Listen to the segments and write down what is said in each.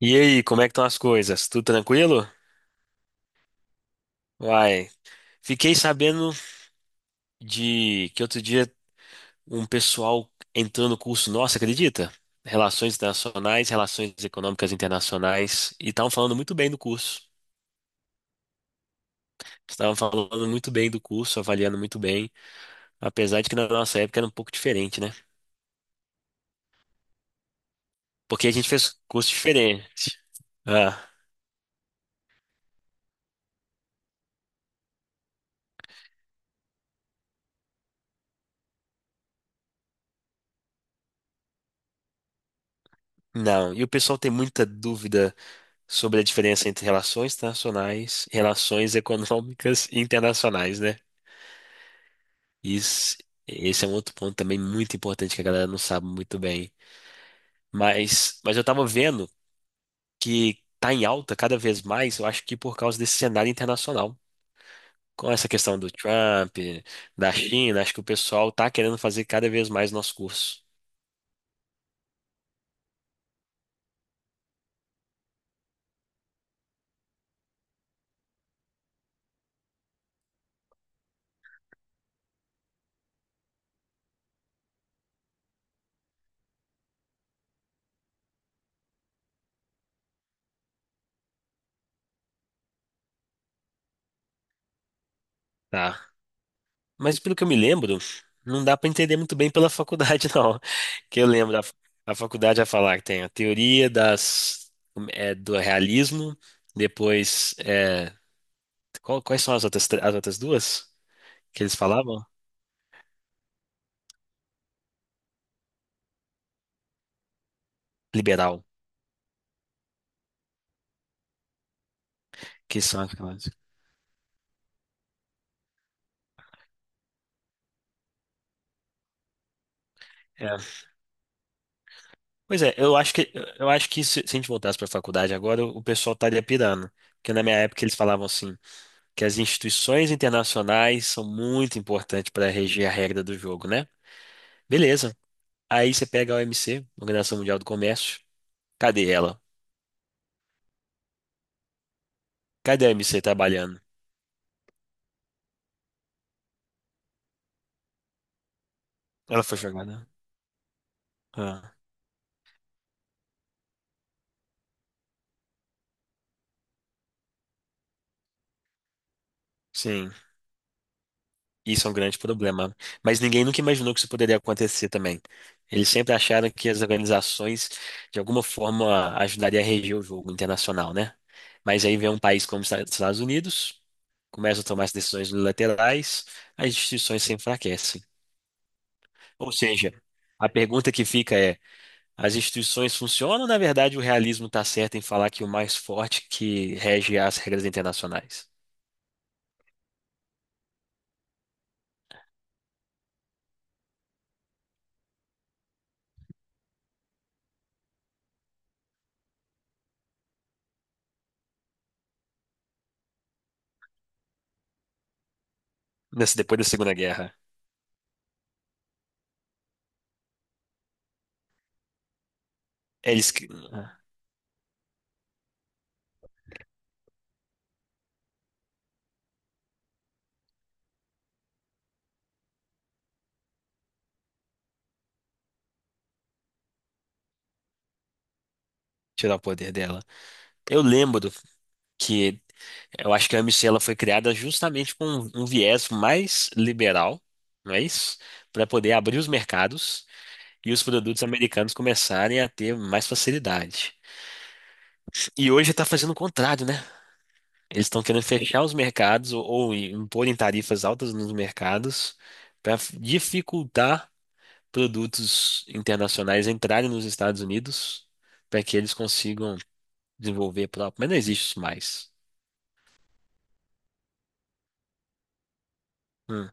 E aí, como é que estão as coisas? Tudo tranquilo? Vai. Fiquei sabendo de que outro dia um pessoal entrou no curso nosso, acredita? Relações Internacionais, Relações Econômicas Internacionais, e estavam falando muito bem do curso. Estavam falando muito bem do curso, avaliando muito bem, apesar de que na nossa época era um pouco diferente, né? Porque a gente fez curso diferente. Ah, não. E o pessoal tem muita dúvida sobre a diferença entre relações internacionais, relações econômicas e internacionais, né? Isso, esse é um outro ponto também muito importante que a galera não sabe muito bem. Mas eu tava vendo que tá em alta cada vez mais, eu acho que por causa desse cenário internacional. Com essa questão do Trump, da China, acho que o pessoal tá querendo fazer cada vez mais nosso curso, tá? Mas pelo que eu me lembro, não dá pra entender muito bem pela faculdade, não. Que eu lembro, a faculdade vai falar que tem a teoria das, do realismo, depois. Quais são as outras, as outras duas que eles falavam? Liberal, que são aquelas. É. Pois é, eu acho que se a gente voltasse para a faculdade agora, o pessoal estaria pirando. Porque na minha época eles falavam assim, que as instituições internacionais são muito importantes para reger a regra do jogo, né? Beleza. Aí você pega a OMC, Organização Mundial do Comércio. Cadê ela? Cadê a OMC trabalhando? Ela foi jogada. Ah, sim. Isso é um grande problema. Mas ninguém nunca imaginou que isso poderia acontecer também. Eles sempre acharam que as organizações, de alguma forma, ajudariam a reger o jogo internacional, né? Mas aí vem um país como os Estados Unidos, começa a tomar as decisões unilaterais, as instituições se enfraquecem. Ou seja, a pergunta que fica é: as instituições funcionam ou, na verdade, o realismo está certo em falar que o mais forte que rege as regras internacionais? Depois da Segunda Guerra, eles que- ah, tirar o poder dela. Eu lembro que eu acho que a AMC ela foi criada justamente com um viés mais liberal, não é isso? Para poder abrir os mercados e os produtos americanos começarem a ter mais facilidade. E hoje está fazendo o contrário, né? Eles estão querendo fechar os mercados ou imporem tarifas altas nos mercados para dificultar produtos internacionais entrarem nos Estados Unidos para que eles consigam desenvolver próprio. Mas não existe isso mais. Hum,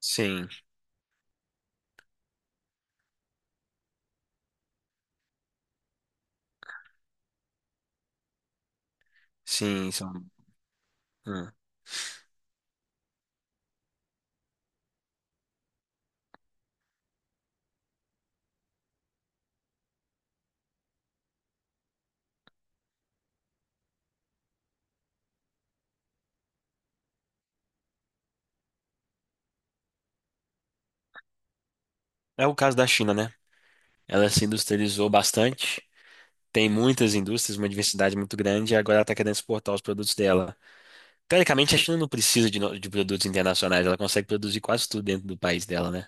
Sim, sim, são. É o caso da China, né? Ela se industrializou bastante, tem muitas indústrias, uma diversidade muito grande, e agora ela está querendo exportar os produtos dela. Teoricamente, a China não precisa de, no- de produtos internacionais, ela consegue produzir quase tudo dentro do país dela, né?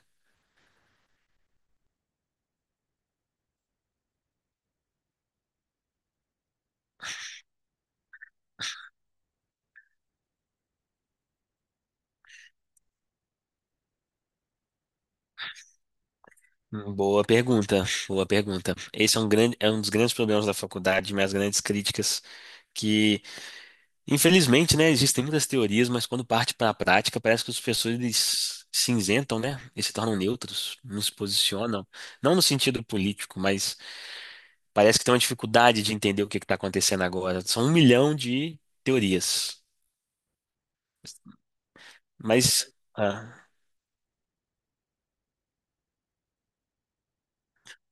Boa pergunta, boa pergunta. Esse é é um dos grandes problemas da faculdade, minhas grandes críticas, que, infelizmente, né, existem muitas teorias, mas quando parte para a prática, parece que os professores eles se isentam, né, e se tornam neutros, não se posicionam, não no sentido político, mas parece que tem uma dificuldade de entender o que está acontecendo agora. São um milhão de teorias. Mas. Ah,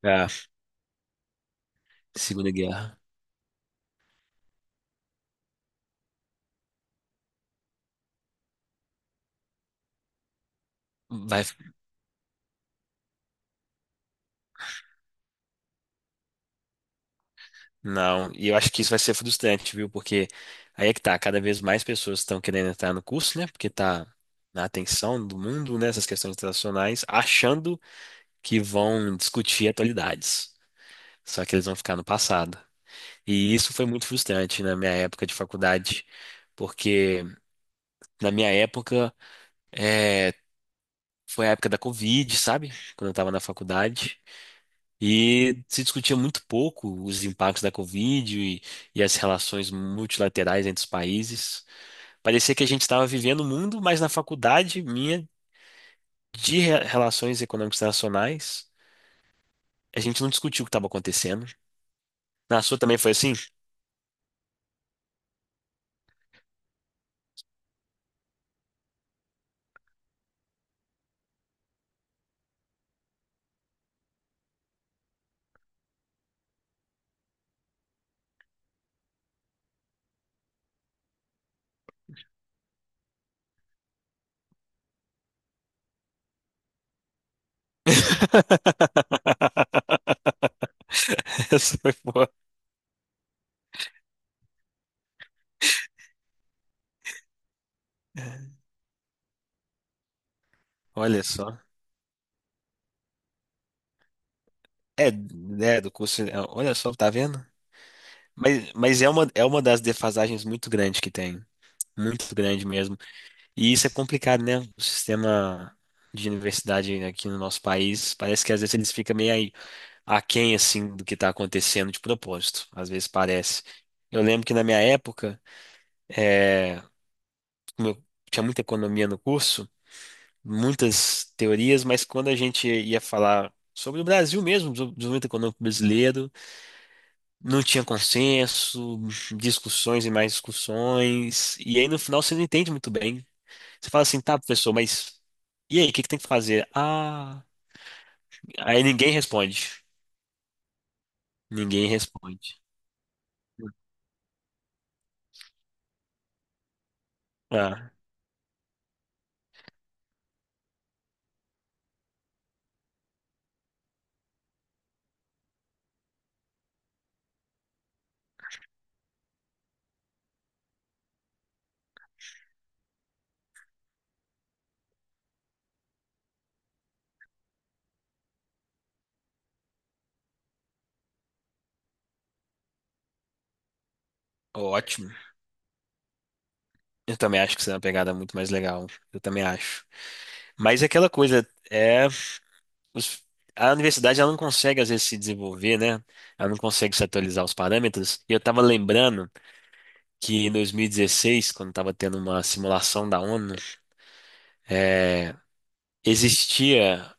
ah, Segunda Guerra. Vai. Não, e eu acho que isso vai ser frustrante, viu? Porque aí é que tá, cada vez mais pessoas estão querendo entrar no curso, né? Porque tá na atenção do mundo, né? Essas questões internacionais, achando que vão discutir atualidades. Só que eles vão ficar no passado. E isso foi muito frustrante na minha época de faculdade, porque na minha época eh, foi a época da Covid, sabe? Quando eu estava na faculdade. E se discutia muito pouco os impactos da Covid e as relações multilaterais entre os países. Parecia que a gente estava vivendo o mundo, mas na faculdade minha de relações econômicas internacionais, a gente não discutiu o que estava acontecendo. Na sua também foi assim? Essa foi boa. Olha só. É, né, do curso. Olha só, tá vendo? Mas é é uma das defasagens muito grandes que tem. Muito grande mesmo. E isso é complicado, né? O sistema de universidade aqui no nosso país, parece que às vezes eles ficam meio aí aquém, assim, do que está acontecendo de propósito. Às vezes parece. Eu lembro que na minha época, é, como eu tinha muita economia no curso, muitas teorias, mas quando a gente ia falar sobre o Brasil mesmo, do desenvolvimento econômico brasileiro, não tinha consenso, discussões e mais discussões, e aí no final você não entende muito bem. Você fala assim, tá, professor, mas e aí, o que que tem que fazer? Ah, aí ninguém responde. Ninguém responde. Ah, Ótimo. Eu também acho que isso é uma pegada muito mais legal. Eu também acho. Mas é aquela coisa, os- a universidade ela não consegue às vezes se desenvolver, né? Ela não consegue se atualizar os parâmetros. E eu tava lembrando que em 2016, quando tava tendo uma simulação da ONU, existia.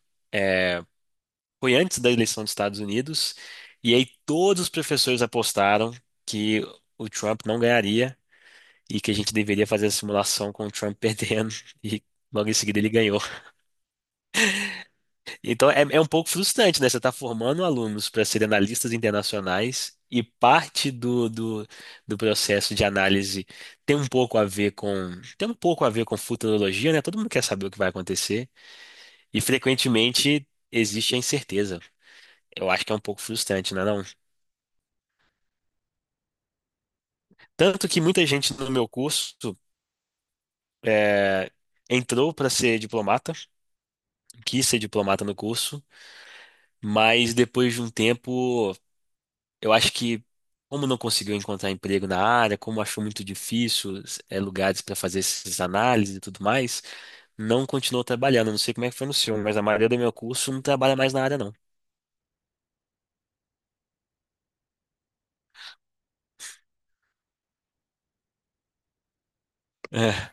Foi antes da eleição dos Estados Unidos, e aí todos os professores apostaram que o Trump não ganharia e que a gente deveria fazer a simulação com o Trump perdendo, e logo em seguida ele ganhou. Então é um pouco frustrante, né? Você está formando alunos para serem analistas internacionais e parte do processo de análise tem um pouco a ver com tem um pouco a ver com futurologia, né? Todo mundo quer saber o que vai acontecer e frequentemente existe a incerteza. Eu acho que é um pouco frustrante, não é não? Tanto que muita gente no meu curso é, entrou para ser diplomata, quis ser diplomata no curso, mas depois de um tempo, eu acho que como não conseguiu encontrar emprego na área, como achou muito difícil lugares para fazer essas análises e tudo mais, não continuou trabalhando. Não sei como é que foi no seu, mas a maioria do meu curso não trabalha mais na área, não. É,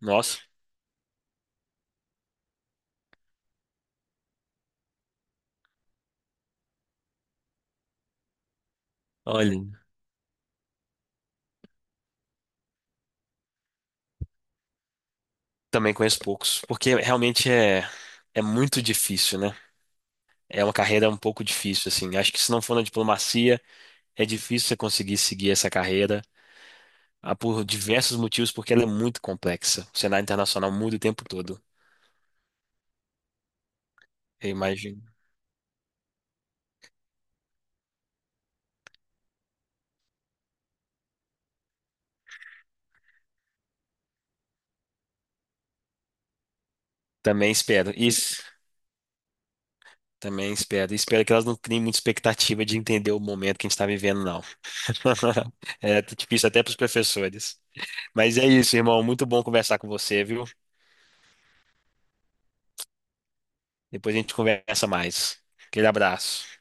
nossa, olha, também conheço poucos, porque realmente é muito difícil, né? É uma carreira um pouco difícil, assim. Acho que se não for na diplomacia, é difícil você conseguir seguir essa carreira, por diversos motivos, porque ela é muito complexa. O cenário internacional muda o tempo todo, eu imagino. Também espero. Isso, também espero. E espero que elas não criem muita expectativa de entender o momento que a gente está vivendo, não. É difícil até para os professores. Mas é isso, irmão. Muito bom conversar com você, viu? Depois a gente conversa mais. Aquele abraço.